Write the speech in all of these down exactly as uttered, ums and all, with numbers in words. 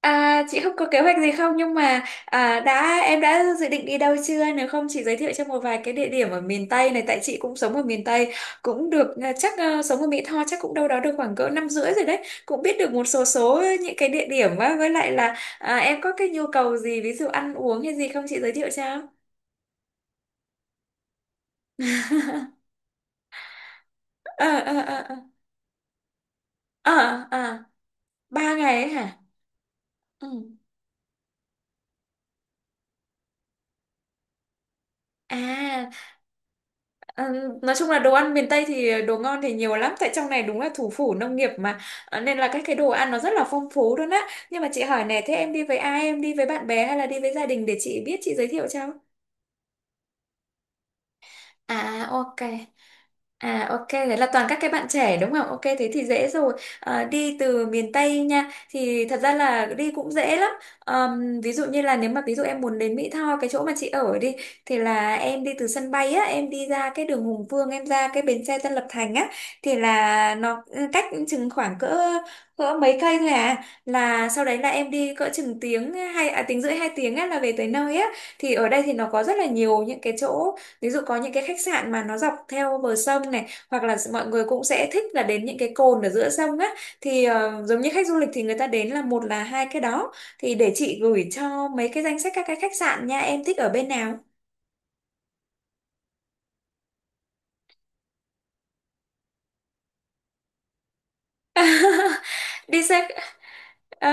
À, chị không có kế hoạch gì không nhưng mà à, đã em đã dự định đi đâu chưa, nếu không chị giới thiệu cho một vài cái địa điểm ở miền Tây này, tại chị cũng sống ở miền Tây cũng được. À, chắc à, sống ở Mỹ Tho chắc cũng đâu đó được khoảng cỡ năm rưỡi rồi đấy, cũng biết được một số số những cái địa điểm á, với lại là à, em có cái nhu cầu gì, ví dụ ăn uống hay gì không chị giới thiệu cho. ờ ờ ờ ờ ờ ờ ba ngày ấy hả? Ừ. À. Ờ, nói chung là đồ ăn miền Tây thì đồ ngon thì nhiều lắm, tại trong này đúng là thủ phủ nông nghiệp mà. Ờ, nên là các cái đồ ăn nó rất là phong phú luôn á, nhưng mà chị hỏi nè, thế em đi với ai, em đi với bạn bè hay là đi với gia đình để chị biết chị giới thiệu cho. À, ok. À ok, đấy là toàn các cái bạn trẻ đúng không? Ok, thế thì dễ rồi. Ờ, đi từ miền Tây nha, thì thật ra là đi cũng dễ lắm. Ờm, ví dụ như là nếu mà ví dụ em muốn đến Mỹ Tho, cái chỗ mà chị ở đi, thì là em đi từ sân bay á, em đi ra cái đường Hùng Vương, em ra cái bến xe Tân Lập Thành á, thì là nó ừ, cách chừng khoảng cỡ cỡ mấy cây thôi à. Là sau đấy là em đi cỡ chừng tiếng hai à, tiếng rưỡi hai tiếng á, là về tới nơi á. Thì ở đây thì nó có rất là nhiều những cái chỗ. Ví dụ có những cái khách sạn mà nó dọc theo bờ sông này, hoặc là mọi người cũng sẽ thích là đến những cái cồn ở giữa sông á, thì ờ, giống như khách du lịch thì người ta đến là một là hai cái đó, thì để chị gửi cho mấy cái danh sách các cái khách sạn nha, em thích ở bên nào. Đi xe. Ờ,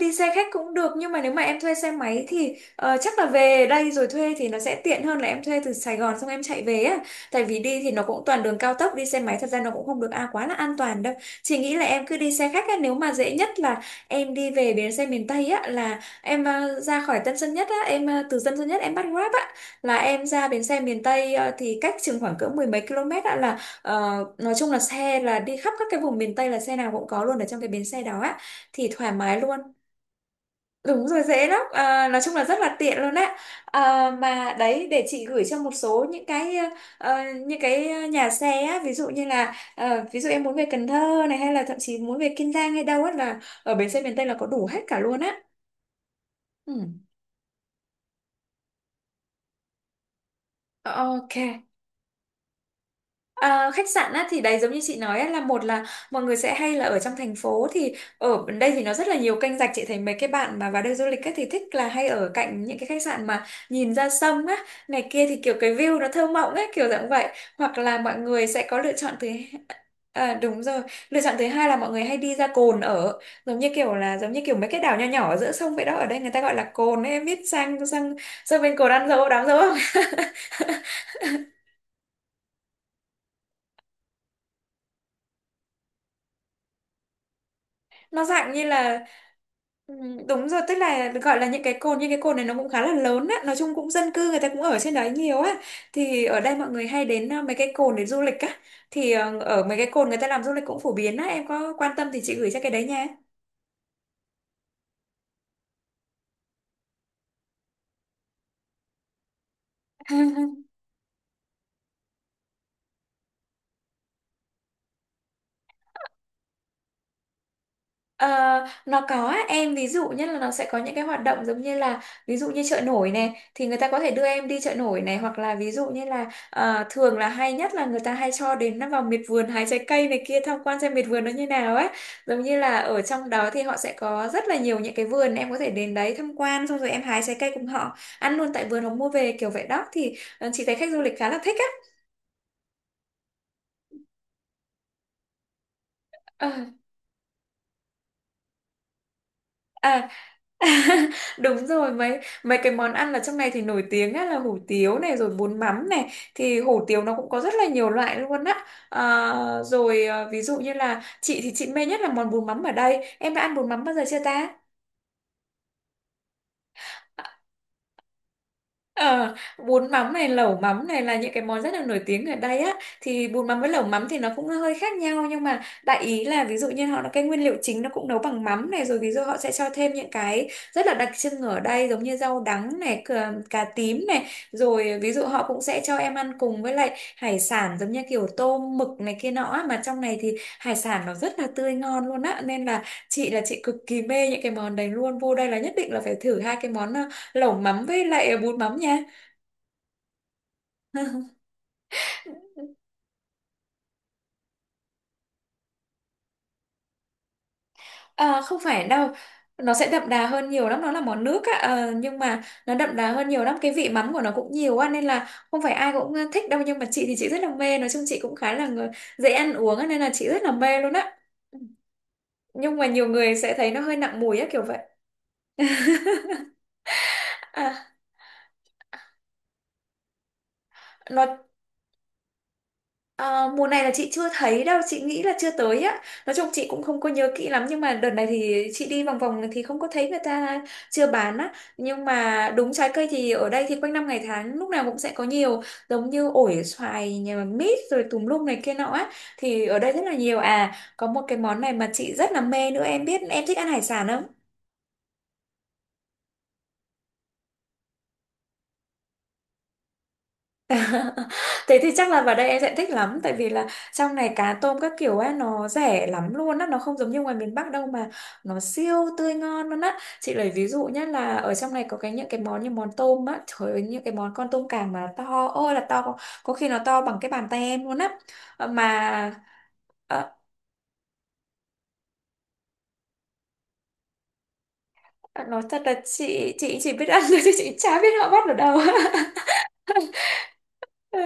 đi xe khách cũng được nhưng mà nếu mà em thuê xe máy thì ờ, chắc là về đây rồi thuê thì nó sẽ tiện hơn là em thuê từ Sài Gòn xong em chạy về á. Tại vì đi thì nó cũng toàn đường cao tốc, đi xe máy thật ra nó cũng không được a quá là an toàn đâu. Chị nghĩ là em cứ đi xe khách á, nếu mà dễ nhất là em đi về bến xe miền Tây á, là em ờ, ra khỏi Tân Sơn Nhất á, em ờ, từ Tân Sơn Nhất em bắt Grab á, là em ra bến xe miền Tây, ờ, thì cách chừng khoảng cỡ mười mấy ki lô mét á, là ờ, nói chung là xe là đi khắp các cái vùng miền Tây là xe nào cũng có luôn ở trong cái bến xe đó á, thì thoải mái luôn. Đúng rồi, dễ lắm à, nói chung là rất là tiện luôn á. À, mà đấy để chị gửi cho một số những cái ờ, những cái nhà xe á, ví dụ như là ờ, ví dụ em muốn về Cần Thơ này, hay là thậm chí muốn về Kiên Giang hay đâu á, là ở bến xe miền Tây là có đủ hết cả luôn á. Ừ. Ok. À, khách sạn á, thì đấy giống như chị nói á, là một là mọi người sẽ hay là ở trong thành phố, thì ở đây thì nó rất là nhiều kênh rạch, chị thấy mấy cái bạn mà vào đây du lịch á, thì thích là hay ở cạnh những cái khách sạn mà nhìn ra sông á này kia, thì kiểu cái view nó thơ mộng á kiểu dạng vậy. Hoặc là mọi người sẽ có lựa chọn thứ, à, đúng rồi, lựa chọn thứ hai là mọi người hay đi ra cồn ở, giống như kiểu là giống như kiểu mấy cái đảo nho nhỏ ở giữa sông vậy đó, ở đây người ta gọi là cồn ấy, em biết sang sang sang bên cồn ăn dâu đám dâu, nó dạng như là ừ, đúng rồi, tức là gọi là những cái cồn nhưng cái cồn này nó cũng khá là lớn á, nói chung cũng dân cư người ta cũng ở trên đấy nhiều á, thì ở đây mọi người hay đến à, mấy cái cồn để du lịch á, thì ờ, ở mấy cái cồn người ta làm du lịch cũng phổ biến á, em có quan tâm thì chị gửi cho cái đấy nha. Ờ, nó có á, em ví dụ như là nó sẽ có những cái hoạt động giống như là ví dụ như chợ nổi này, thì người ta có thể đưa em đi chợ nổi này, hoặc là ví dụ như là ờ, thường là hay nhất là người ta hay cho đến nó vào miệt vườn hái trái cây này kia, tham quan xem miệt vườn nó như nào ấy, giống như là ở trong đó thì họ sẽ có rất là nhiều những cái vườn, em có thể đến đấy tham quan xong rồi em hái trái cây cùng họ ăn luôn tại vườn hoặc mua về kiểu vậy đó, thì ờ, chị thấy khách du lịch khá là thích á. Ờ. À, đúng rồi, mấy mấy cái món ăn ở trong này thì nổi tiếng á, là hủ tiếu này rồi bún mắm này, thì hủ tiếu nó cũng có rất là nhiều loại luôn á. À, rồi à, ví dụ như là chị thì chị mê nhất là món bún mắm, ở đây em đã ăn bún mắm bao giờ chưa ta? Ờ, bún mắm này, lẩu mắm này là những cái món rất là nổi tiếng ở đây á. Thì bún mắm với lẩu mắm thì nó cũng hơi khác nhau, nhưng mà đại ý là ví dụ như họ cái nguyên liệu chính nó cũng nấu bằng mắm này, rồi ví dụ họ sẽ cho thêm những cái rất là đặc trưng ở đây, giống như rau đắng này, cà, cà tím này, rồi ví dụ họ cũng sẽ cho em ăn cùng với lại hải sản giống như kiểu tôm mực này kia nọ á. Mà trong này thì hải sản nó rất là tươi ngon luôn á, nên là chị là chị cực kỳ mê những cái món đấy luôn. Vô đây là nhất định là phải thử hai cái món ờ, lẩu mắm với lại bún mắm nha. À, không phải đâu, nó sẽ đậm đà hơn nhiều lắm, nó là món nước á, ờ, nhưng mà nó đậm đà hơn nhiều lắm, cái vị mắm của nó cũng nhiều á nên là không phải ai cũng ờ, thích đâu, nhưng mà chị thì chị rất là mê, nói chung chị cũng khá là người dễ ăn uống á, nên là chị rất là mê luôn á, nhưng mà nhiều người sẽ thấy nó hơi nặng mùi á kiểu vậy. À, nó. Ờ, mùa này là chị chưa thấy đâu, chị nghĩ là chưa tới á. Nói chung chị cũng không có nhớ kỹ lắm, nhưng mà đợt này thì chị đi vòng vòng thì không có thấy người ta chưa bán á. Nhưng mà đúng, trái cây thì ở đây thì quanh năm ngày tháng lúc nào cũng sẽ có nhiều, giống như ổi, xoài, nhà mà mít rồi tùm lum này kia nọ á, thì ở đây rất là nhiều à. Có một cái món này mà chị rất là mê nữa, em biết em thích ăn hải sản không? Thế thì chắc là vào đây em sẽ thích lắm, tại vì là trong này cá tôm các kiểu ấy nó rẻ lắm luôn á, nó không giống như ngoài miền Bắc đâu mà nó siêu tươi ngon luôn á. Chị lấy ví dụ nhé, là ở trong này có cái những cái món như món tôm á, trời ơi, những cái món con tôm càng mà to ôi là to, có, có khi nó to bằng cái bàn tay em luôn á. Ờ, mà ờ, ờ, nói thật là chị chị chỉ biết ăn thôi chứ chị chả biết họ bắt ở đâu. Ờ,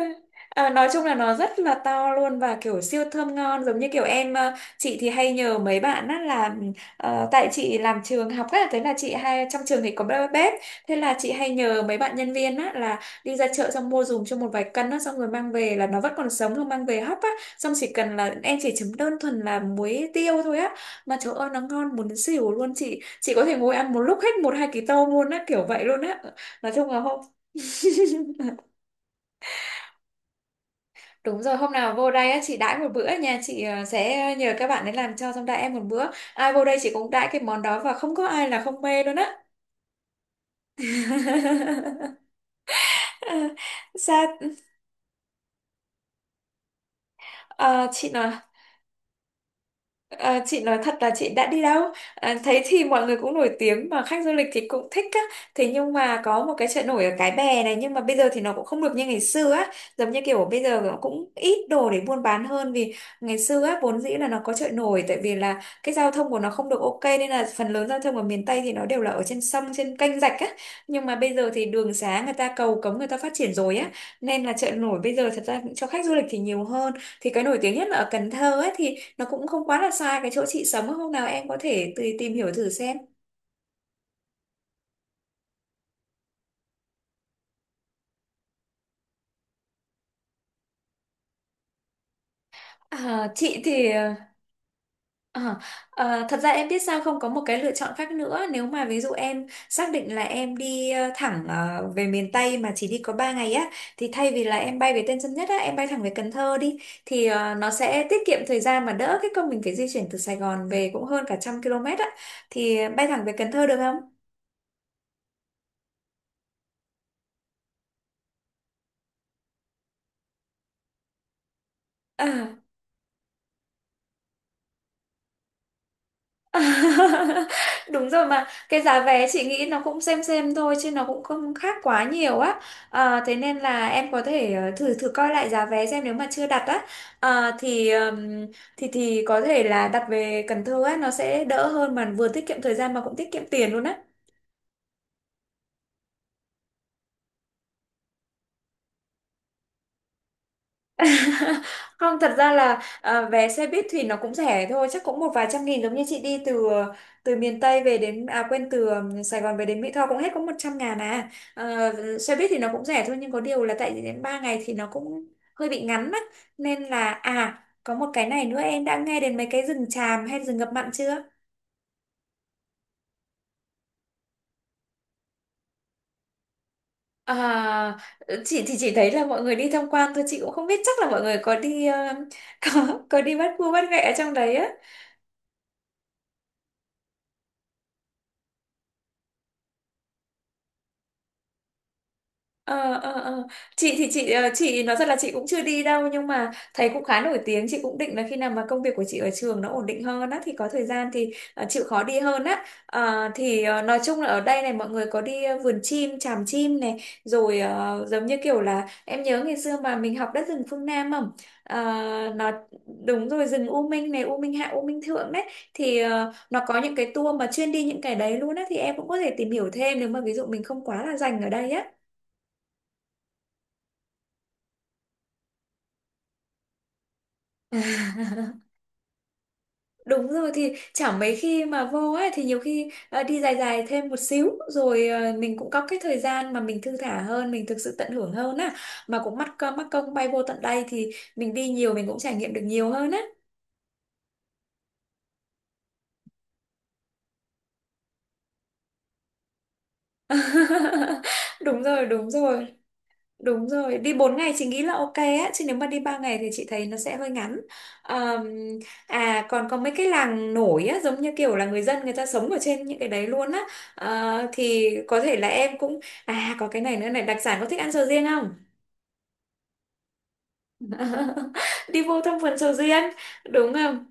ờ, nói chung là nó rất là to luôn và kiểu siêu thơm ngon, giống như kiểu em ờ, chị thì hay nhờ mấy bạn á, là ừ, ờ, tại chị làm trường học á, thế là chị hay trong trường thì có bê- bếp, thế là chị hay nhờ mấy bạn nhân viên á là đi ra chợ, xong mua dùng cho một vài cân á, xong rồi mang về là nó vẫn còn sống, rồi mang về hấp á, xong chỉ cần là em chỉ chấm đơn thuần là muối tiêu thôi á, mà trời ơi nó ngon muốn xỉu luôn. Chị chị có thể ngồi ăn một lúc hết một hai ký tôm luôn á, kiểu vậy luôn á, nói chung là không. Đúng rồi, hôm nào vô đây á, chị đãi một bữa nha. Chị ờ, sẽ nhờ các bạn ấy làm cho, xong đãi em một bữa. Ai vô đây chị cũng đãi cái món đó và không có ai là không mê luôn á. Sao ờ, chị nói Ờ, chị nói thật là chị đã đi đâu. Ờ, thấy thì mọi người cũng nổi tiếng mà khách du lịch thì cũng thích á, thế nhưng mà có một cái chợ nổi ở Cái Bè này, nhưng mà bây giờ thì nó cũng không được như ngày xưa á, giống như kiểu bây giờ nó cũng ít đồ để buôn bán hơn. Vì ngày xưa á, vốn dĩ là nó có chợ nổi tại vì là cái giao thông của nó không được ok, nên là phần lớn giao thông ở miền Tây thì nó đều là ở trên sông, trên kênh rạch á, nhưng mà bây giờ thì đường xá người ta, cầu cống người ta phát triển rồi á, nên là chợ nổi bây giờ thật ra cho khách du lịch thì nhiều hơn. Thì cái nổi tiếng nhất là ở Cần Thơ ấy, thì nó cũng không quá là xa cái chỗ chị sống, hôm nào em có thể tùy tìm hiểu thử xem. à, chị thì à, À, thật ra em biết sao không, có một cái lựa chọn khác nữa, nếu mà ví dụ em xác định là em đi ờ, thẳng ờ, về miền Tây mà chỉ đi có ba ngày á, thì thay vì là em bay về Tân Sơn Nhất á, em bay thẳng về Cần Thơ đi, thì ờ, nó sẽ tiết kiệm thời gian mà đỡ cái công mình phải di chuyển từ Sài Gòn về, cũng hơn cả trăm ki lô mét á. Thì bay thẳng về Cần Thơ được không? À, đúng rồi, mà cái giá vé chị nghĩ nó cũng xem xem thôi chứ nó cũng không khác quá nhiều á. À, thế nên là em có thể ờ, thử thử coi lại giá vé xem, nếu mà chưa đặt á, à, thì ừm, thì thì có thể là đặt về Cần Thơ á, nó sẽ đỡ hơn, mà vừa tiết kiệm thời gian mà cũng tiết kiệm tiền luôn á. Không, thật ra là à, vé xe buýt thì nó cũng rẻ thôi, chắc cũng một vài trăm nghìn, giống như chị đi từ từ miền Tây về đến à quên từ Sài Gòn về đến Mỹ Tho cũng hết có một trăm ngàn à. Ờ, xe buýt thì nó cũng rẻ thôi, nhưng có điều là tại vì đến ba ngày thì nó cũng hơi bị ngắn á, nên là à, có một cái này nữa, em đã nghe đến mấy cái rừng tràm hay rừng ngập mặn chưa? À, chị thì chỉ thấy là mọi người đi tham quan thôi, chị cũng không biết chắc là mọi người có đi ờ, có có đi bắt cua bắt ghẹ ở trong đấy á. ờ ờ ờ chị thì chị ờ, chị nói thật là chị cũng chưa đi đâu, nhưng mà thầy cũng khá nổi tiếng, chị cũng định là khi nào mà công việc của chị ở trường nó ổn định hơn á, thì có thời gian thì ờ, chịu khó đi hơn á. Ờ, thì ờ, nói chung là ở đây này, mọi người có đi ờ, vườn chim, chàm chim này, rồi ờ, giống như kiểu là em nhớ ngày xưa mà mình học Đất Rừng Phương Nam không? Ờ, nó đúng rồi, rừng U Minh này, U Minh Hạ, U Minh Thượng đấy, thì ờ, nó có những cái tour mà chuyên đi những cái đấy luôn á, thì em cũng có thể tìm hiểu thêm, nếu mà ví dụ mình không quá là rành ở đây á. Đúng rồi, thì chẳng mấy khi mà vô ấy thì nhiều khi ờ, đi dài dài thêm một xíu, rồi ờ, mình cũng có cái thời gian mà mình thư thả hơn, mình thực sự tận hưởng hơn á, mà cũng mắc công mắc công bay vô tận đây thì mình đi nhiều, mình cũng trải nghiệm được nhiều hơn á. Đúng rồi, đúng rồi. Đúng rồi, đi bốn ngày chị nghĩ là ok á, chứ nếu mà đi ba ngày thì chị thấy nó sẽ hơi ngắn. Ờm, À, còn có mấy cái làng nổi á, giống như kiểu là người dân người ta sống ở trên những cái đấy luôn á. Ờ, thì có thể là em cũng à, có cái này nữa này, đặc sản, có thích ăn sầu riêng không? Đi vô thăm vườn sầu riêng, đúng không?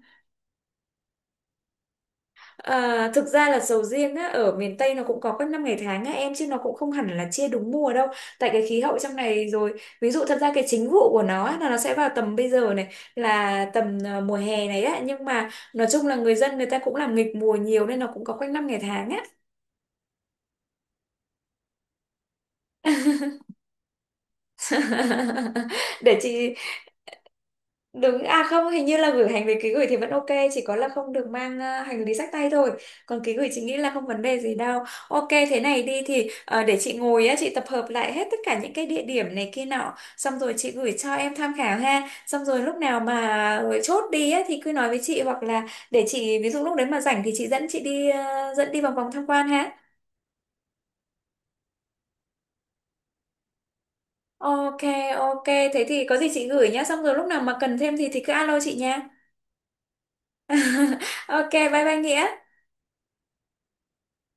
À, thực ra là sầu riêng á, ở miền Tây nó cũng có các năm ngày tháng á em, chứ nó cũng không hẳn là chia đúng mùa đâu, tại cái khí hậu trong này rồi. Ví dụ thật ra cái chính vụ của nó á, là nó sẽ vào tầm bây giờ này, là tầm à, mùa hè này á, nhưng mà nói chung là người dân người ta cũng làm nghịch mùa nhiều nên nó cũng có quanh năm ngày tháng á. Để chị, đúng, à không, hình như là gửi hành lý ký gửi thì vẫn ok, chỉ có là không được mang ờ, hành lý xách tay thôi. Còn ký gửi chị nghĩ là không vấn đề gì đâu. Ok, thế này đi thì ờ, để chị ngồi á, chị tập hợp lại hết tất cả những cái địa điểm này kia nọ, xong rồi chị gửi cho em tham khảo ha. Xong rồi lúc nào mà chốt đi á, thì cứ nói với chị, hoặc là để chị, ví dụ lúc đấy mà rảnh thì chị dẫn chị đi, ờ, dẫn đi vòng vòng tham quan ha. Ok, ok, thế thì có gì chị gửi nhá, xong rồi lúc nào mà cần thêm gì thì cứ alo chị nha. Ok, bye bye Nghĩa.